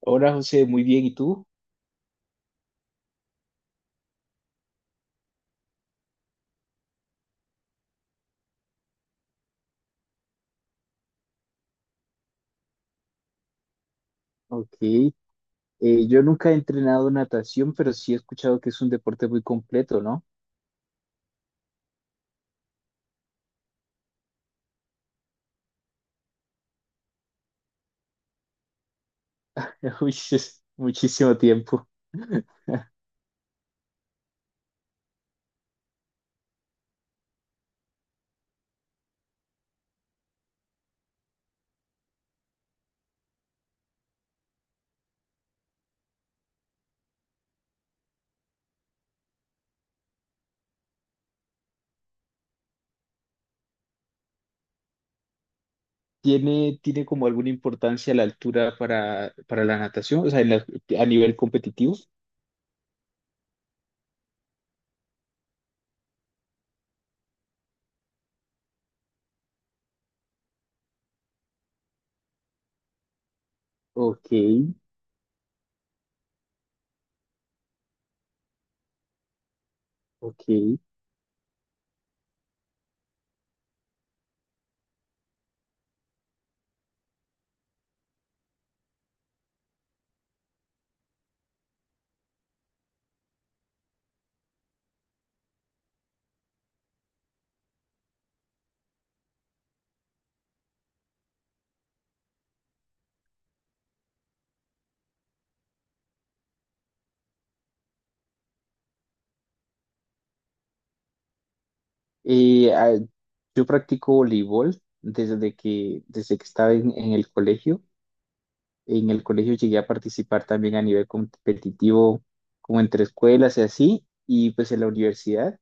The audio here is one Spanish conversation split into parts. Hola José, muy bien, ¿y tú? Ok, yo nunca he entrenado natación, pero sí he escuchado que es un deporte muy completo, ¿no? Uy, es muchísimo tiempo. ¿Tiene como alguna importancia la altura para la natación? O sea, a nivel competitivo. Ok, ok. Eh, ah, yo practico voleibol desde que estaba en el colegio. En el colegio llegué a participar también a nivel competitivo, como entre escuelas y así, y pues en la universidad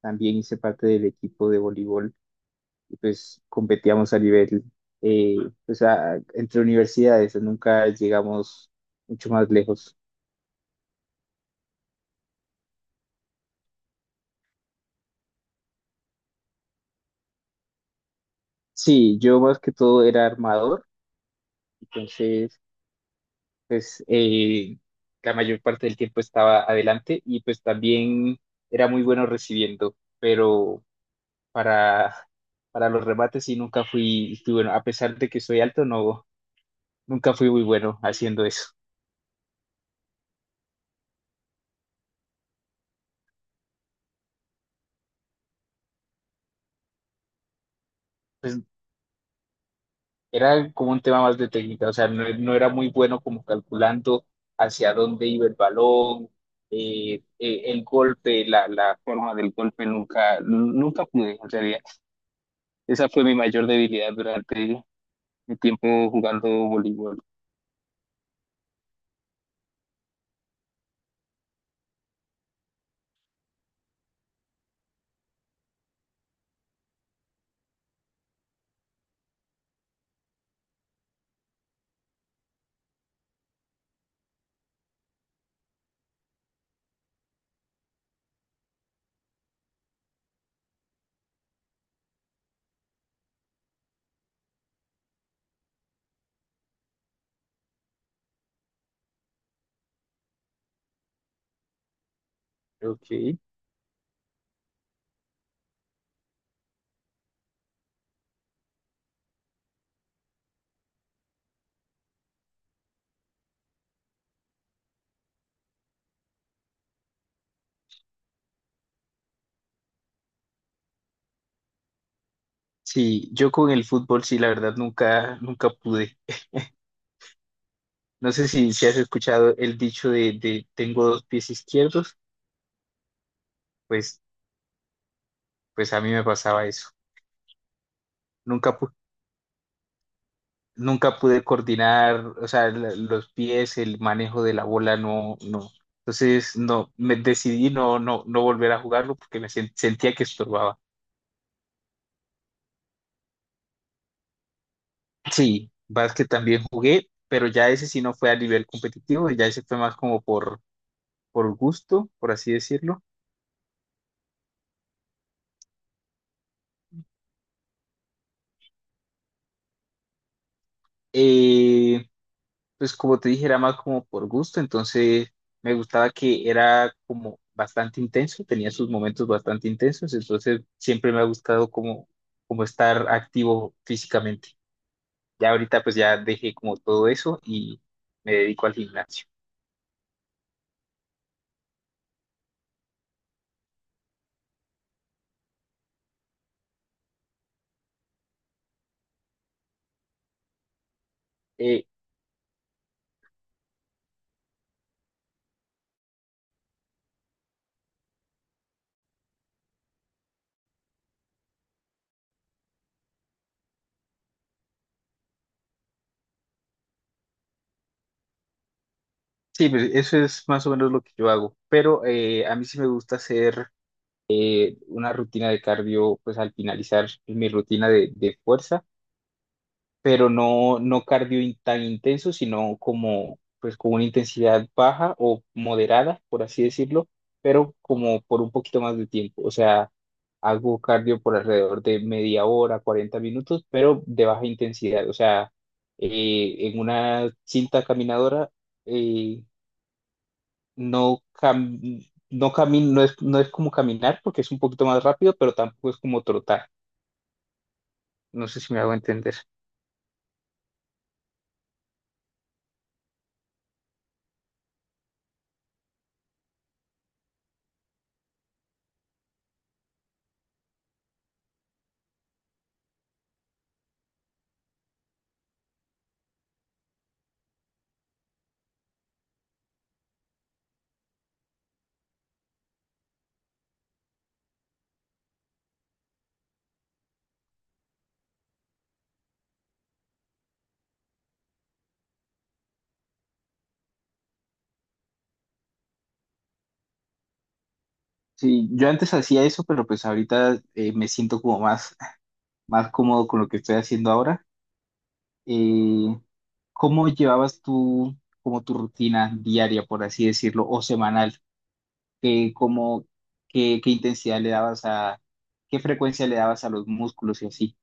también hice parte del equipo de voleibol y pues competíamos a nivel, eh, pues entre universidades, nunca llegamos mucho más lejos. Sí, yo más que todo era armador, entonces pues la mayor parte del tiempo estaba adelante y pues también era muy bueno recibiendo, pero para, para los remates y nunca fui bueno. A pesar de que soy alto, no, nunca fui muy bueno haciendo eso. Pues era como un tema más de técnica, o sea, no, no era muy bueno como calculando hacia dónde iba el balón, el golpe, la forma del golpe, nunca pude, en realidad. Esa fue mi mayor debilidad durante mi tiempo jugando voleibol. Ok. Sí, yo con el fútbol sí, la verdad nunca pude. No sé si has escuchado el dicho de tengo dos pies izquierdos, pues, pues a mí me pasaba eso. Nunca, pu- Nunca pude coordinar, o sea, los pies, el manejo de la bola, no, no. Entonces, no, me decidí no, no, no volver a jugarlo porque me sentía que estorbaba. Sí, básquet también jugué, pero ya ese sí no fue a nivel competitivo, ya ese fue más como por gusto, por así decirlo. Eh, Pues como te dije, era más como por gusto, entonces me gustaba que era como bastante intenso, tenía sus momentos bastante intensos, entonces siempre me ha gustado como, como estar activo físicamente. Ya ahorita pues ya dejé como todo eso y me dedico al gimnasio. Eh, sí, pues eso es más o menos lo que yo hago, pero a mí sí me gusta hacer una rutina de cardio pues al finalizar mi rutina de fuerza. Pero no, no cardio tan intenso, sino como pues con una intensidad baja o moderada, por así decirlo, pero como por un poquito más de tiempo. O sea, hago cardio por alrededor de media hora, 40 minutos, pero de baja intensidad. O sea, en una cinta caminadora eh, no es, no es como caminar porque es un poquito más rápido, pero tampoco es como trotar. No sé si me hago entender. Sí, yo antes hacía eso, pero pues ahorita me siento más cómodo con lo que estoy haciendo ahora. Eh, ¿Cómo llevabas tú como tu rutina diaria, por así decirlo, o semanal? ¿Qué, cómo, qué, qué intensidad le dabas a, qué frecuencia le dabas a los músculos y así?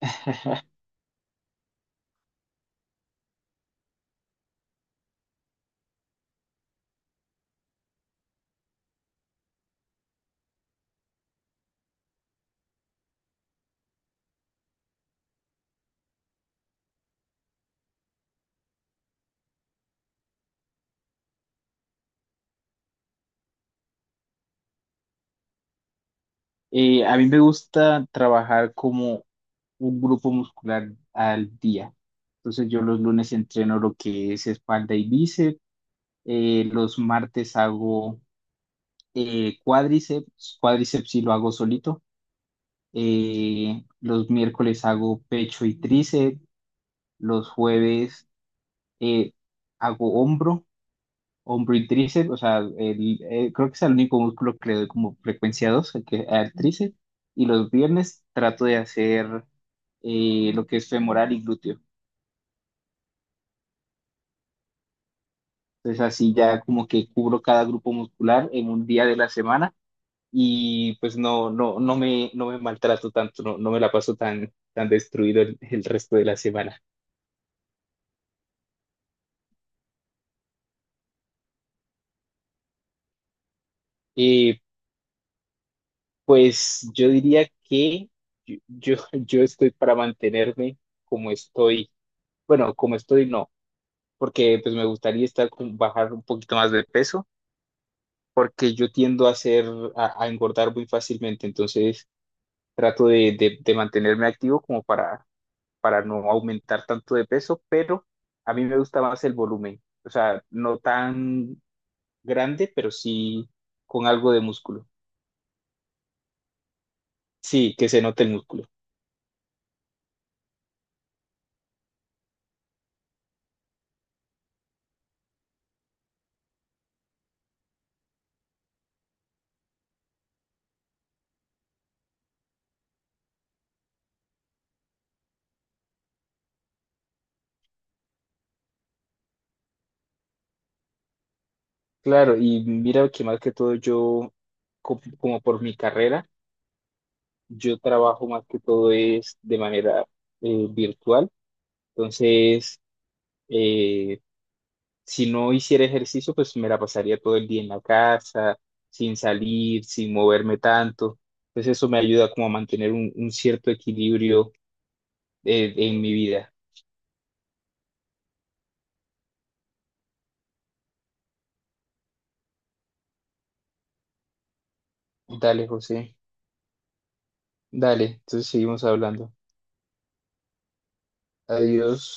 A mí me gusta trabajar como un grupo muscular al día. Entonces yo los lunes entreno lo que es espalda y bíceps, los martes hago cuádriceps sí lo hago solito. Los miércoles hago pecho y tríceps. Los jueves eh, hago hombro y tríceps. O sea, creo que es el único músculo que le doy como frecuencia 2 al tríceps. Y los viernes trato de hacer lo que es femoral y glúteo. Entonces así ya como que cubro cada grupo muscular en un día de la semana y pues no me, no me maltrato tanto, no me la paso tan destruido el resto de la semana. Eh, pues yo diría que yo estoy para mantenerme como estoy, bueno, como estoy no, porque pues me gustaría estar con, bajar un poquito más de peso, porque yo tiendo a a engordar muy fácilmente, entonces trato de mantenerme activo como para no aumentar tanto de peso, pero a mí me gusta más el volumen, o sea, no tan grande, pero sí con algo de músculo. Sí, que se note el músculo. Claro, y mira que más que todo yo, como por mi carrera, yo trabajo más que todo es de manera virtual, entonces... eh, si no hiciera ejercicio, pues me la pasaría todo el día en la casa, sin salir, sin moverme tanto. Pues eso me ayuda como a mantener un cierto equilibrio en mi vida. Dale, José, dale, entonces seguimos hablando. Adiós.